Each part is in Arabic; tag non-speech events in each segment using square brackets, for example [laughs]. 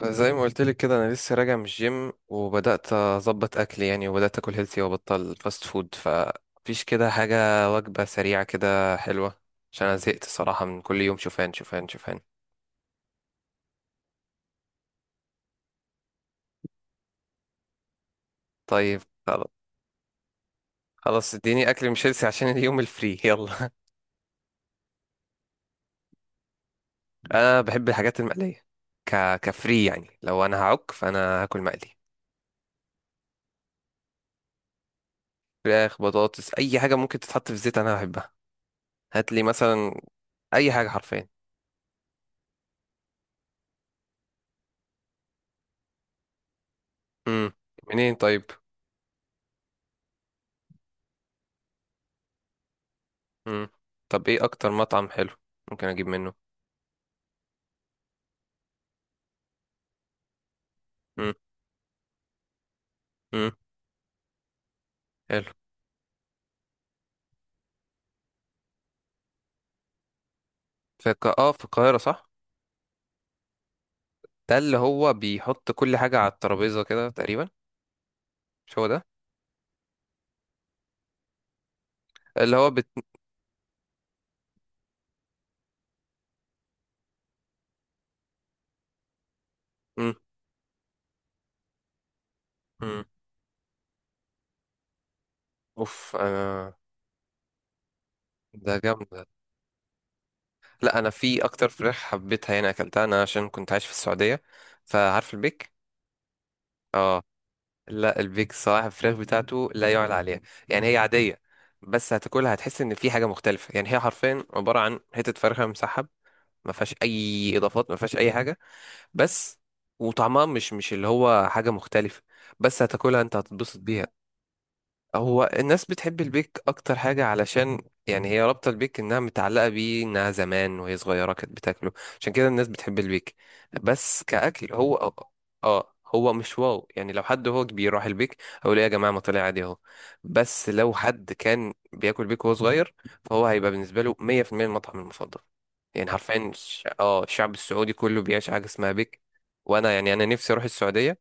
فزي ما قلت لك كده انا لسه راجع من الجيم وبدات اظبط اكلي يعني، وبدات اكل هيلثي وابطل فاست فود، فمفيش كده حاجه، وجبه سريعه كده حلوه، عشان انا زهقت صراحه من كل يوم شوفان شوفان شوفان. طيب. خلاص. خلاص، اديني اكل مش هيلثي عشان اليوم الفري، يلا. [laughs] انا بحب الحاجات المقليه. كفري يعني، لو انا هعك فانا هاكل مقلي. فراخ، بطاطس، اي حاجه ممكن تتحط في الزيت انا بحبها. هات لي مثلا اي حاجه حرفيا. امم. منين طيب. مم. طب ايه اكتر مطعم حلو ممكن اجيب منه؟ مم. مم. حلو. في القاهرة صح؟ ده اللي هو بيحط كل حاجة على الترابيزة كده تقريبا، مش هو ده؟ اللي هو بت... مم. مم. اوف انا. ده جامد ده. لا، انا في اكتر فراخ حبيتها هنا اكلتها انا عشان كنت عايش في السعودية، فعارف البيك. اه. لا، البيك صراحة الفراخ بتاعته لا يعلى عليها. يعني هي عادية، بس هتاكلها هتحس ان في حاجة مختلفة. يعني هي حرفيا عبارة عن حتة فرخة مسحب، ما فيهاش اي اضافات، ما فيهاش اي حاجة بس. وطعمها مش اللي هو حاجة مختلفة، بس هتاكلها انت هتتبسط بيها. هو الناس بتحب البيك اكتر حاجة علشان، يعني هي رابطة، البيك انها متعلقة بيه، انها زمان وهي صغيرة كانت بتاكله، عشان كده الناس بتحب البيك، بس كأكل هو. اه، هو مش واو يعني. لو حد هو كبير راح البيك اقول ايه يا جماعة، ما طلع عادي اهو. بس لو حد كان بياكل بيك وهو صغير فهو هيبقى بالنسبة له 100% المطعم المفضل. يعني حرفيا الشعب السعودي كله بيعيش حاجة اسمها بيك. وانا يعني، انا نفسي اروح السعودية،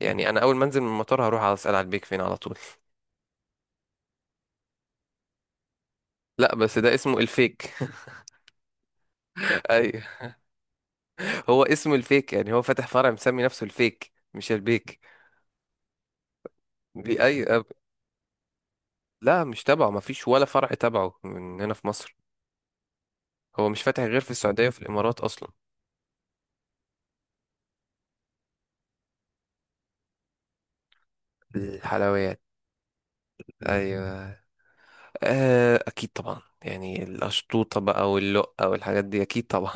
يعني انا اول ما انزل من المطار هروح اسال على البيك فين على طول. لا، بس ده اسمه الفيك. [laughs] ايوه، هو اسمه الفيك، يعني هو فاتح فرع مسمي نفسه الفيك مش البيك. بي اي أب... لا مش تبعه، ما فيش ولا فرع تبعه من هنا في مصر، هو مش فاتح غير في السعودية وفي الامارات اصلا. الحلويات. ايوه. آه، اكيد طبعا، يعني الاشطوطة بقى واللقة والحاجات دي اكيد طبعا.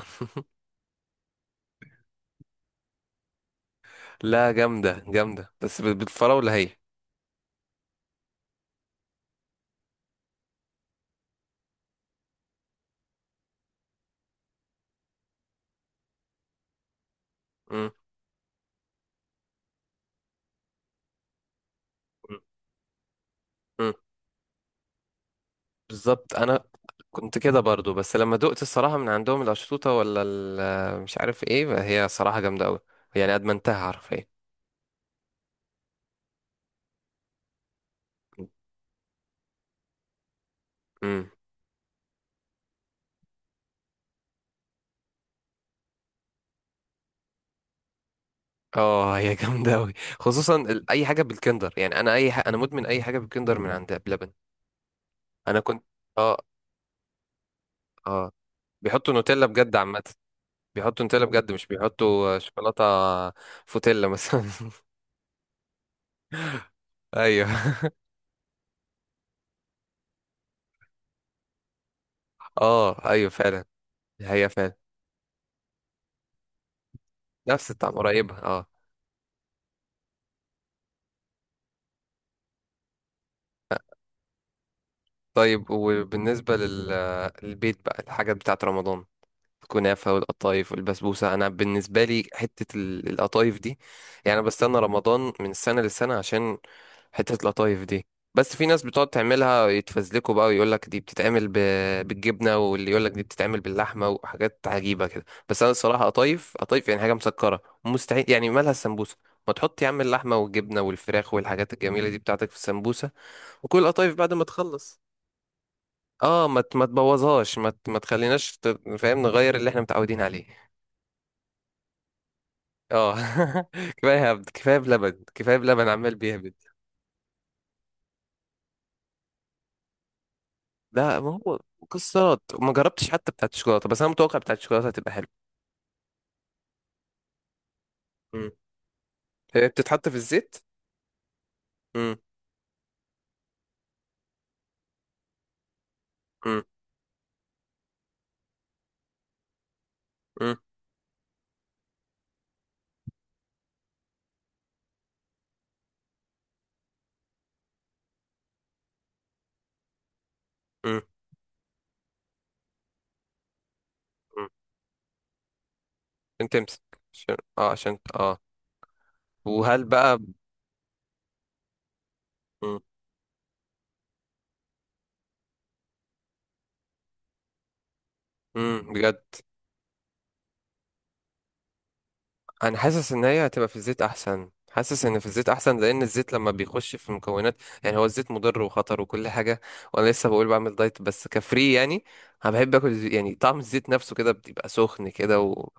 [laughs] لا، جامدة جامدة، بس بالفراولة هي. مم. مم. بالظبط. انا كنت كده برضو، بس لما دقت الصراحه من عندهم القشطوطه مش عارف ايه هي، صراحه جامده قوي، يعني ادمنتها حرفيا. امم. اه، هي [laughs] جامده قوي، خصوصا اي حاجه بالكندر. يعني انا اي حاجة انا مدمن اي حاجه بالكندر من عندها بلبن. انا كنت. اه. اه. بيحطوا نوتيلا بجد عامه. بيحطوا نوتيلا بجد، مش بيحطوا شوكولاته. فوتيلا مثلا. [laughs] ايوه. اه ايوه فعلا. هي فعلا نفس الطعم قريبه، اه. طيب، للبيت بقى الحاجات بتاعة رمضان، الكنافة والقطايف والبسبوسة. أنا بالنسبة لي حتة القطايف دي، يعني أنا بستنى رمضان من سنة لسنة عشان حتة القطايف دي. بس في ناس بتقعد تعملها يتفزلكوا بقى ويقولك دي بالجبنة، واللي يقولك دي بتتعمل باللحمة وحاجات عجيبة كده. بس أنا الصراحة قطايف قطايف، يعني حاجة مسكرة، مستحيل، يعني مالها السمبوسة؟ ما تحط يا عم اللحمة والجبنة والفراخ والحاجات الجميلة دي بتاعتك في السمبوسة. وكل القطايف بعد ما تخلص، اه، ما تبوظهاش، ما تخليناش. فاهم؟ نغير اللي احنا متعودين عليه. اه. [laughs] كفايه هبد، كفايه بلبن، كفايه بلبن عمال بيهبد. لا، ما هو مكسرات ما جربتش، حتى بتاعت الشوكولاته، بس انا متوقع بتاعت الشوكولاته هتبقى حلوه. مم. هي بتتحط في الزيت؟ امم. امم. امم. امم. امم. عشان تمسك، عشان وهل بقى. امم. بجد. انا حاسس ان هي هتبقى في الزيت احسن، حاسس ان في الزيت احسن، لان الزيت لما بيخش في المكونات، يعني هو الزيت مضر وخطر وكل حاجه. وانا لسه بقول بعمل دايت بس كفري يعني. انا بحب اكل يعني طعم الزيت نفسه كده بيبقى سخن كده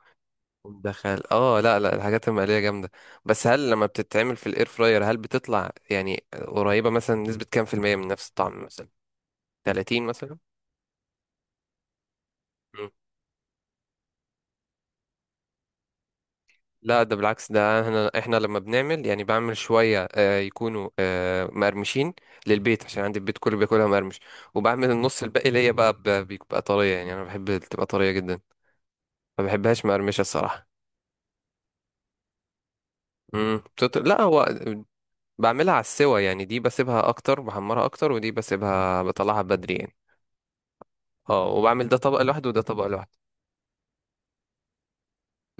ومدخل. اه، لا لا، الحاجات المقليه جامده، بس هل لما بتتعمل في الاير فراير هل بتطلع يعني قريبه، مثلا نسبه كام في الميه من نفس الطعم؟ مثلا 30 مثلا. لا، ده بالعكس، ده احنا لما بنعمل، يعني بعمل شويه يكونوا مقرمشين للبيت عشان عندي البيت كله بياكلها مقرمش، وبعمل النص الباقي ليا بقى بيبقى طريه، يعني انا بحب تبقى طريه جدا، ما بحبهاش مقرمشه الصراحه. امم. لا، هو بعملها على السوا، يعني دي بسيبها اكتر بحمرها اكتر، ودي بسيبها بطلعها بدري يعني. اه، وبعمل ده طبق لوحده وده طبق لوحده.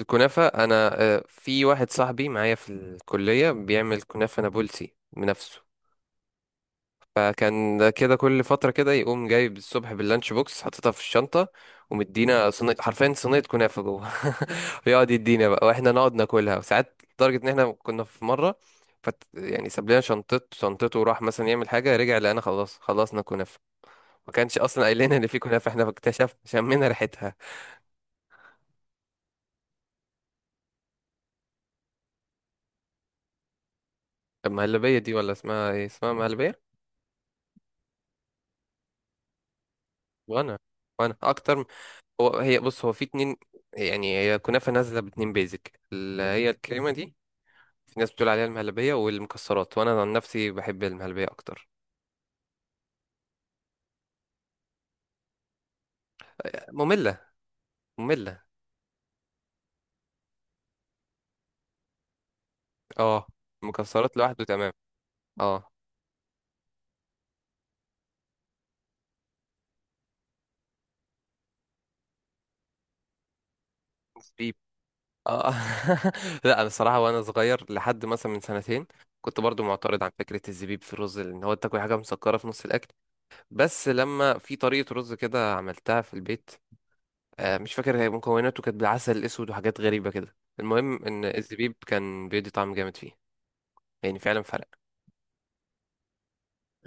الكنافه انا، في واحد صاحبي معايا في الكليه بيعمل كنافه نابلسي بنفسه، فكان كده كل فترة كده يقوم جايب الصبح باللانش بوكس حاططها في الشنطة، ومدينا صينية، حرفيا صينية كنافة جوه. [laughs] ويقعد يدينا بقى واحنا نقعد ناكلها، وساعات لدرجة ان احنا كنا في مرة يعني ساب لنا شنطته وراح مثلا يعمل حاجة، رجع لقينا خلاص خلصنا كنافة، ما كانش اصلا قايل لنا ان في كنافة، احنا اكتشفنا شمينا ريحتها. المهلبية دي، ولا اسمها ايه؟ اسمها مهلبية. وانا وانا هو، هي بص، هو في اتنين، يعني هي كنافة نازلة باتنين بيزك اللي هي الكريمة دي، في ناس بتقول عليها المهلبية والمكسرات، وأنا عن نفسي بحب المهلبية أكتر. مملة مملة. اه، المكسرات لوحده تمام. اه. بيب. اه. [laughs] لا، أنا الصراحة وأنا صغير لحد مثلا من سنتين كنت برضو معترض عن فكرة الزبيب في الرز، لأن هو تاكل حاجة مسكرة في نص الأكل. بس لما في طريقة رز كده عملتها في البيت، آه مش فاكر هي مكوناته كانت بالعسل الأسود وحاجات غريبة كده، المهم إن الزبيب كان بيدي طعم جامد فيه، يعني فعلا فرق.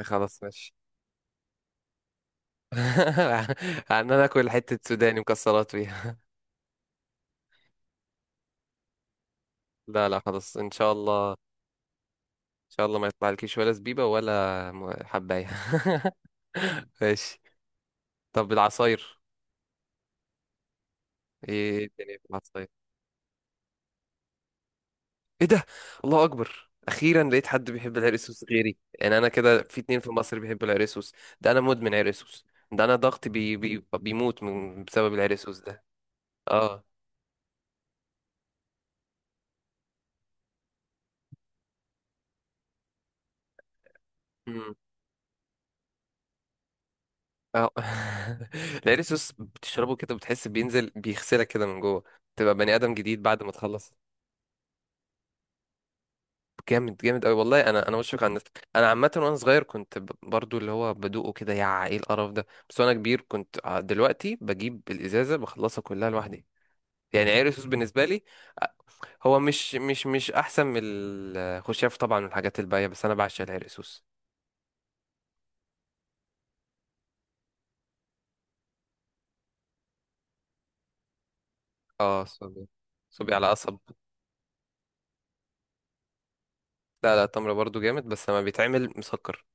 خلاص ماشي. [laughs] عن انا اكل حته سوداني مكسرات فيها. لا لا، خلاص ان شاء الله ان شاء الله ما يطلع لكيش ولا زبيبه ولا حبايه. [laughs] ماشي. طب العصاير، ايه الدنيا في العصاير؟ ايه ده؟ الله اكبر، اخيرا لقيت حد بيحب العرقسوس غيري، يعني انا كده في اتنين في مصر بيحبوا العرقسوس. ده انا مدمن عرقسوس، ده انا ضغطي بي بيموت من بسبب العرقسوس ده. اه. اه. [laughs] العرق السوس بتشربه كده بتحس بينزل بيغسلك كده من جوه، تبقى بني ادم جديد بعد ما تخلص. جامد جامد قوي والله. انا بشفق على الناس. انا عامه وانا صغير كنت برضو اللي هو بدوقه كده يا ايه القرف ده، بس وانا كبير كنت دلوقتي بجيب الازازه بخلصها كلها لوحدي. يعني عرق السوس بالنسبه لي، آه، هو مش احسن من الخشاف طبعا والحاجات الباقيه، بس انا بعشق العرق السوس. اه صبي. صبي على قصب. لا لا، التمر برضو جامد بس لما بيتعمل مسكر،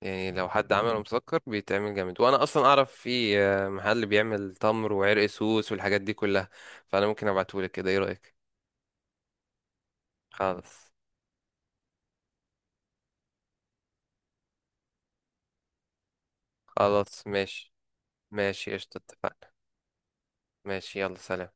يعني لو حد عمله مسكر بيتعمل جامد. وانا اصلا اعرف في محل بيعمل تمر وعرق سوس والحاجات دي كلها، فانا ممكن ابعتهولك كده، ايه رأيك؟ خلاص. خلاص ماشي. ماشي قشطة، اتفقنا. ماشي يلا سلام.